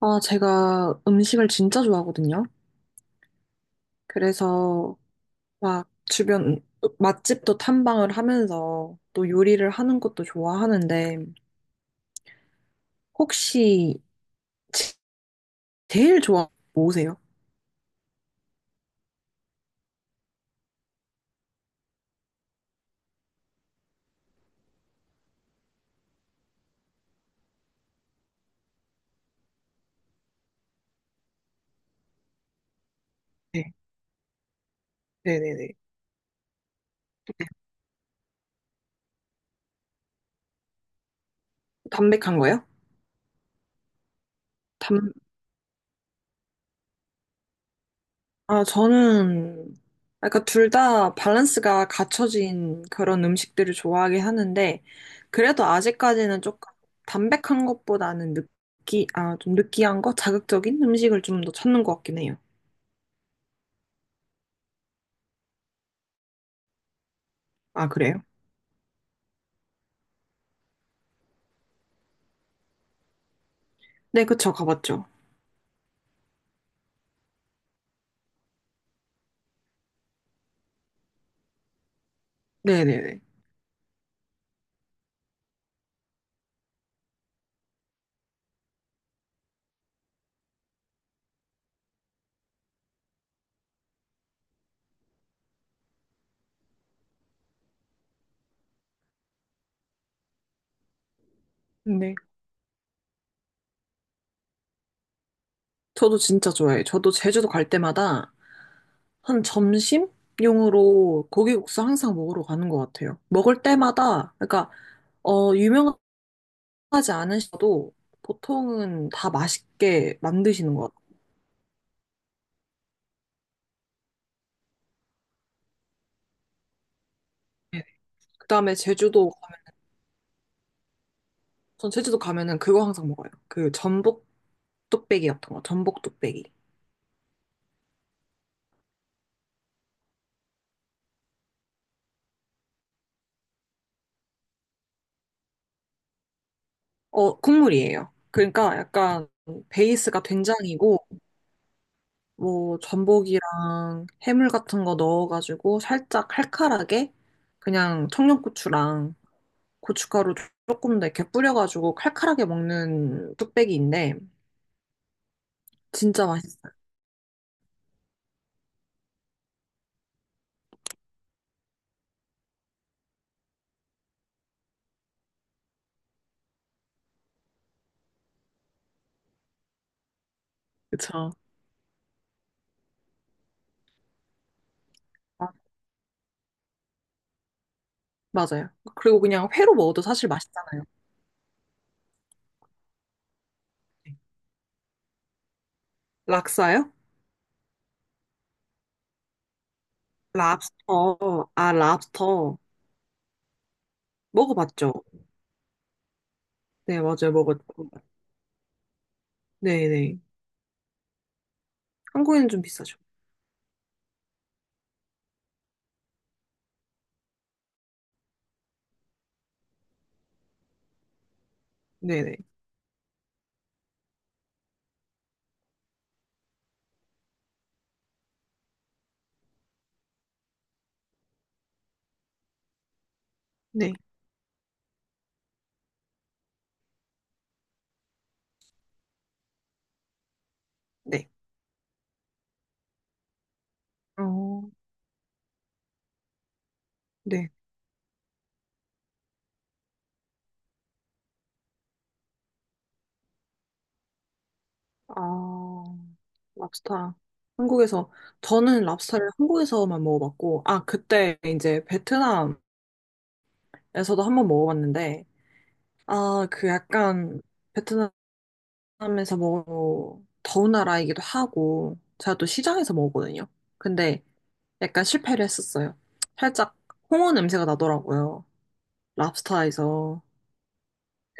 아, 제가 음식을 진짜 좋아하거든요. 그래서 막 주변 맛집도 탐방을 하면서 또 요리를 하는 것도 좋아하는데 혹시 제일 좋아하는 거 뭐세요? 네, 네네네. 담백한 거요? 담, 아, 저는 약간 둘 다 밸런스가 갖춰진 그런 음식들을 좋아하긴 하는데 그래도 아직까지는 조금 담백한 것보다는 아, 좀 느끼한 거? 자극적인 음식을 좀 더 찾는 것 같긴 해요. 아, 그래요? 네, 그쵸. 가봤죠. 네네네. 네. 저도 진짜 좋아해요. 저도 제주도 갈 때마다 한 점심용으로 고기국수 항상 먹으러 가는 것 같아요. 먹을 때마다, 그러니까, 어, 유명하지 않으셔도 보통은 다 맛있게 만드시는 것 같아요. 네. 그다음에 제주도, 가면- 전 제주도 가면은 그거 항상 먹어요. 그 전복 뚝배기 같은 거, 전복 뚝배기. 어, 국물이에요. 그러니까 약간 베이스가 된장이고, 뭐 전복이랑 해물 같은 거 넣어가지고 살짝 칼칼하게 그냥 청양고추랑 고춧가루 조금 더 이렇게 뿌려가지고 칼칼하게 먹는 뚝배기인데 진짜 맛있어요. 그쵸? 아, 맞아요. 그리고 그냥 회로 먹어도 사실 맛있잖아요. 락사요? 랍스터. 아, 랍스터. 먹어봤죠? 네, 맞아요. 먹었고. 네네. 한국에는 좀 비싸죠. 네네. 네. 네. 어, 네. 아, 랍스타. 한국에서, 저는 랍스타를 한국에서만 먹어봤고, 아, 그때 이제 베트남에서도 한번 먹어봤는데, 아, 그 약간 베트남에서 먹어, 더운 나라이기도 하고, 제가 또 시장에서 먹었거든요. 근데 약간 실패를 했었어요. 살짝 홍어 냄새가 나더라고요. 랍스타에서.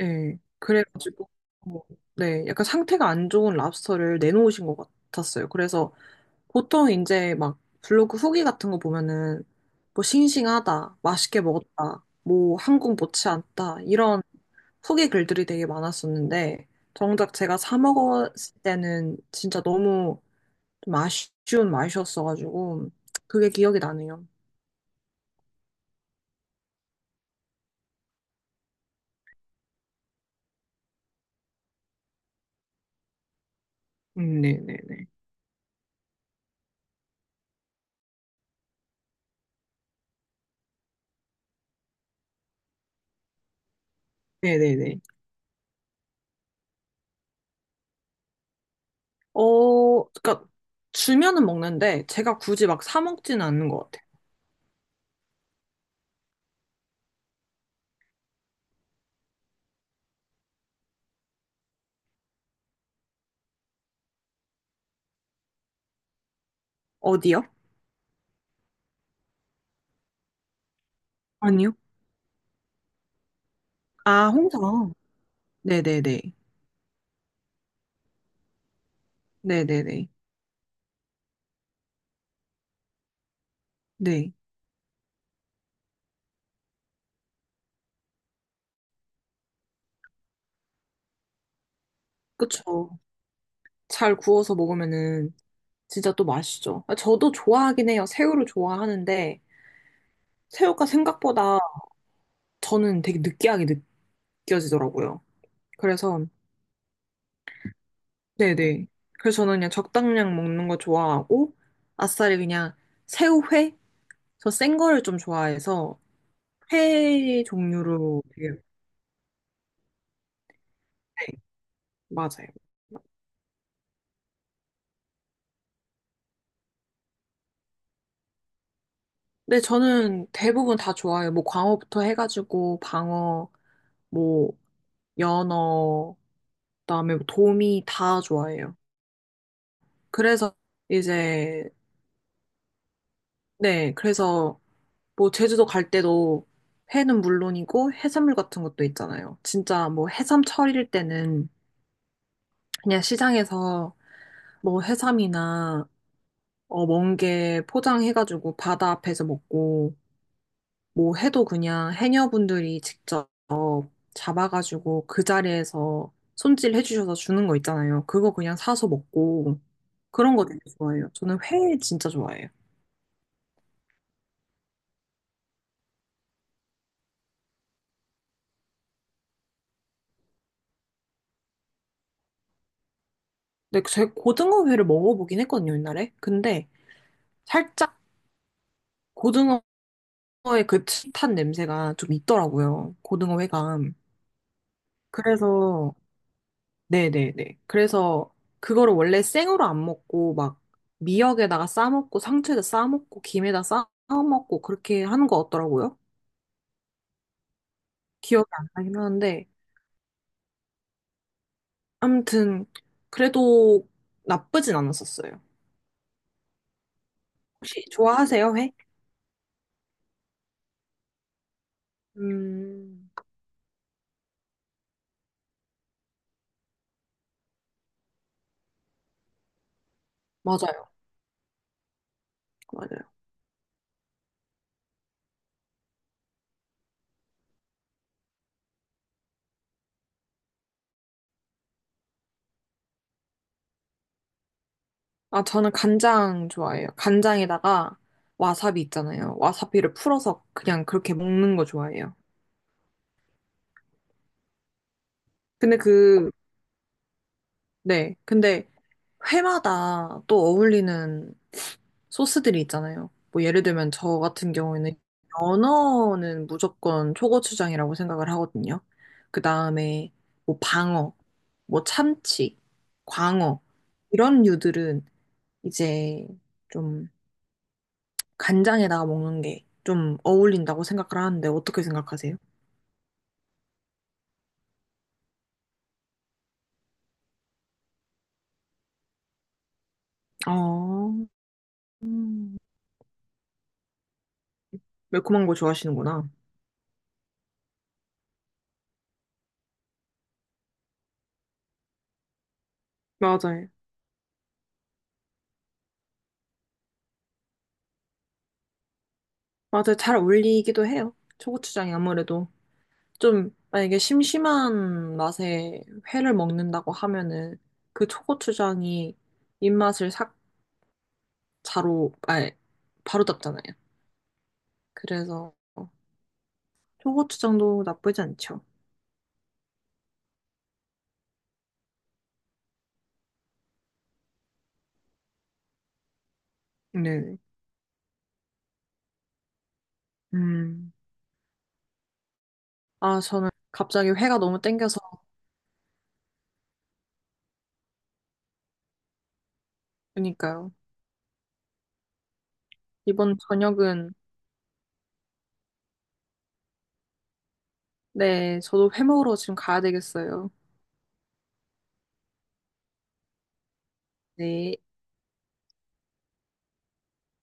예. 그래가지고, 뭐, 네, 약간 상태가 안 좋은 랍스터를 내놓으신 것 같았어요. 그래서 보통 이제 막 블로그 후기 같은 거 보면은 뭐 싱싱하다, 맛있게 먹었다, 뭐 한국 못지 않다 이런 후기 글들이 되게 많았었는데 정작 제가 사 먹었을 때는 진짜 너무 좀 아쉬운 맛이었어가지고 그게 기억이 나네요. 네네네. 네네네. 어, 그러니까 주면은 먹는데 제가 굳이 막 사 먹지는 않는 것 같아요. 어디요? 아니요? 아, 홍성. 네네네. 네네네. 네. 그쵸. 잘 구워서 먹으면은 진짜 또 맛있죠. 아, 저도 좋아하긴 해요. 새우를 좋아하는데 새우가 생각보다 저는 되게 느끼하게 느껴지더라고요. 그래서 네네. 그래서 저는 그냥 적당량 먹는 거 좋아하고 아싸리 그냥 새우회? 저 센 거를 좀 좋아해서 회 종류로 되게 네, 맞아요. 네, 저는 대부분 다 좋아해요. 뭐 광어부터 해가지고 방어, 뭐 연어, 그다음에 뭐 도미 다 좋아해요. 그래서 이제, 네, 그래서 뭐 제주도 갈 때도 회는 물론이고 해산물 같은 것도 있잖아요. 진짜 뭐 해삼 철일 때는 그냥 시장에서 뭐 해삼이나 어, 멍게 포장해가지고 바다 앞에서 먹고 뭐 해도 그냥 해녀분들이 직접 잡아가지고 그 자리에서 손질해 주셔서 주는 거 있잖아요. 그거 그냥 사서 먹고 그런 거 되게 좋아해요. 저는 회 진짜 좋아해요. 근데 제 고등어회를 먹어보긴 했거든요, 옛날에. 근데 살짝 고등어의 그 옅은 냄새가 좀 있더라고요. 고등어회가. 그래서, 네네네. 그래서 그거를 원래 생으로 안 먹고 막 미역에다가 싸먹고 상추에다 싸먹고 김에다 싸먹고 그렇게 하는 거 같더라고요. 기억이 안 나긴 하는데. 아무튼, 그래도 나쁘진 않았었어요. 혹시 좋아하세요, 회? 음, 맞아요. 맞아요. 아, 저는 간장 좋아해요. 간장에다가 와사비 있잖아요. 와사비를 풀어서 그냥 그렇게 먹는 거 좋아해요. 근데 그, 네. 근데 회마다 또 어울리는 소스들이 있잖아요. 뭐 예를 들면 저 같은 경우에는 연어는 무조건 초고추장이라고 생각을 하거든요. 그 다음에 뭐 방어, 뭐 참치, 광어, 이런 류들은 이제 좀 간장에다가 먹는 게 좀 어울린다고 생각을 하는데 어떻게 생각하세요? 어, 음, 매콤한 거 좋아하시는구나. 맞아요. 맞아요. 잘 어울리기도 해요. 초고추장이 아무래도 좀 만약에 심심한 맛에 회를 먹는다고 하면은 그 초고추장이 입맛을 싹 자로, 아니, 바로 잡잖아요. 그래서 초고추장도 나쁘지 않죠. 네. 음. 아, 저는 갑자기 회가 너무 땡겨서 그러니까요. 이번 저녁은 네, 저도 회 먹으러 지금 가야 되겠어요. 네.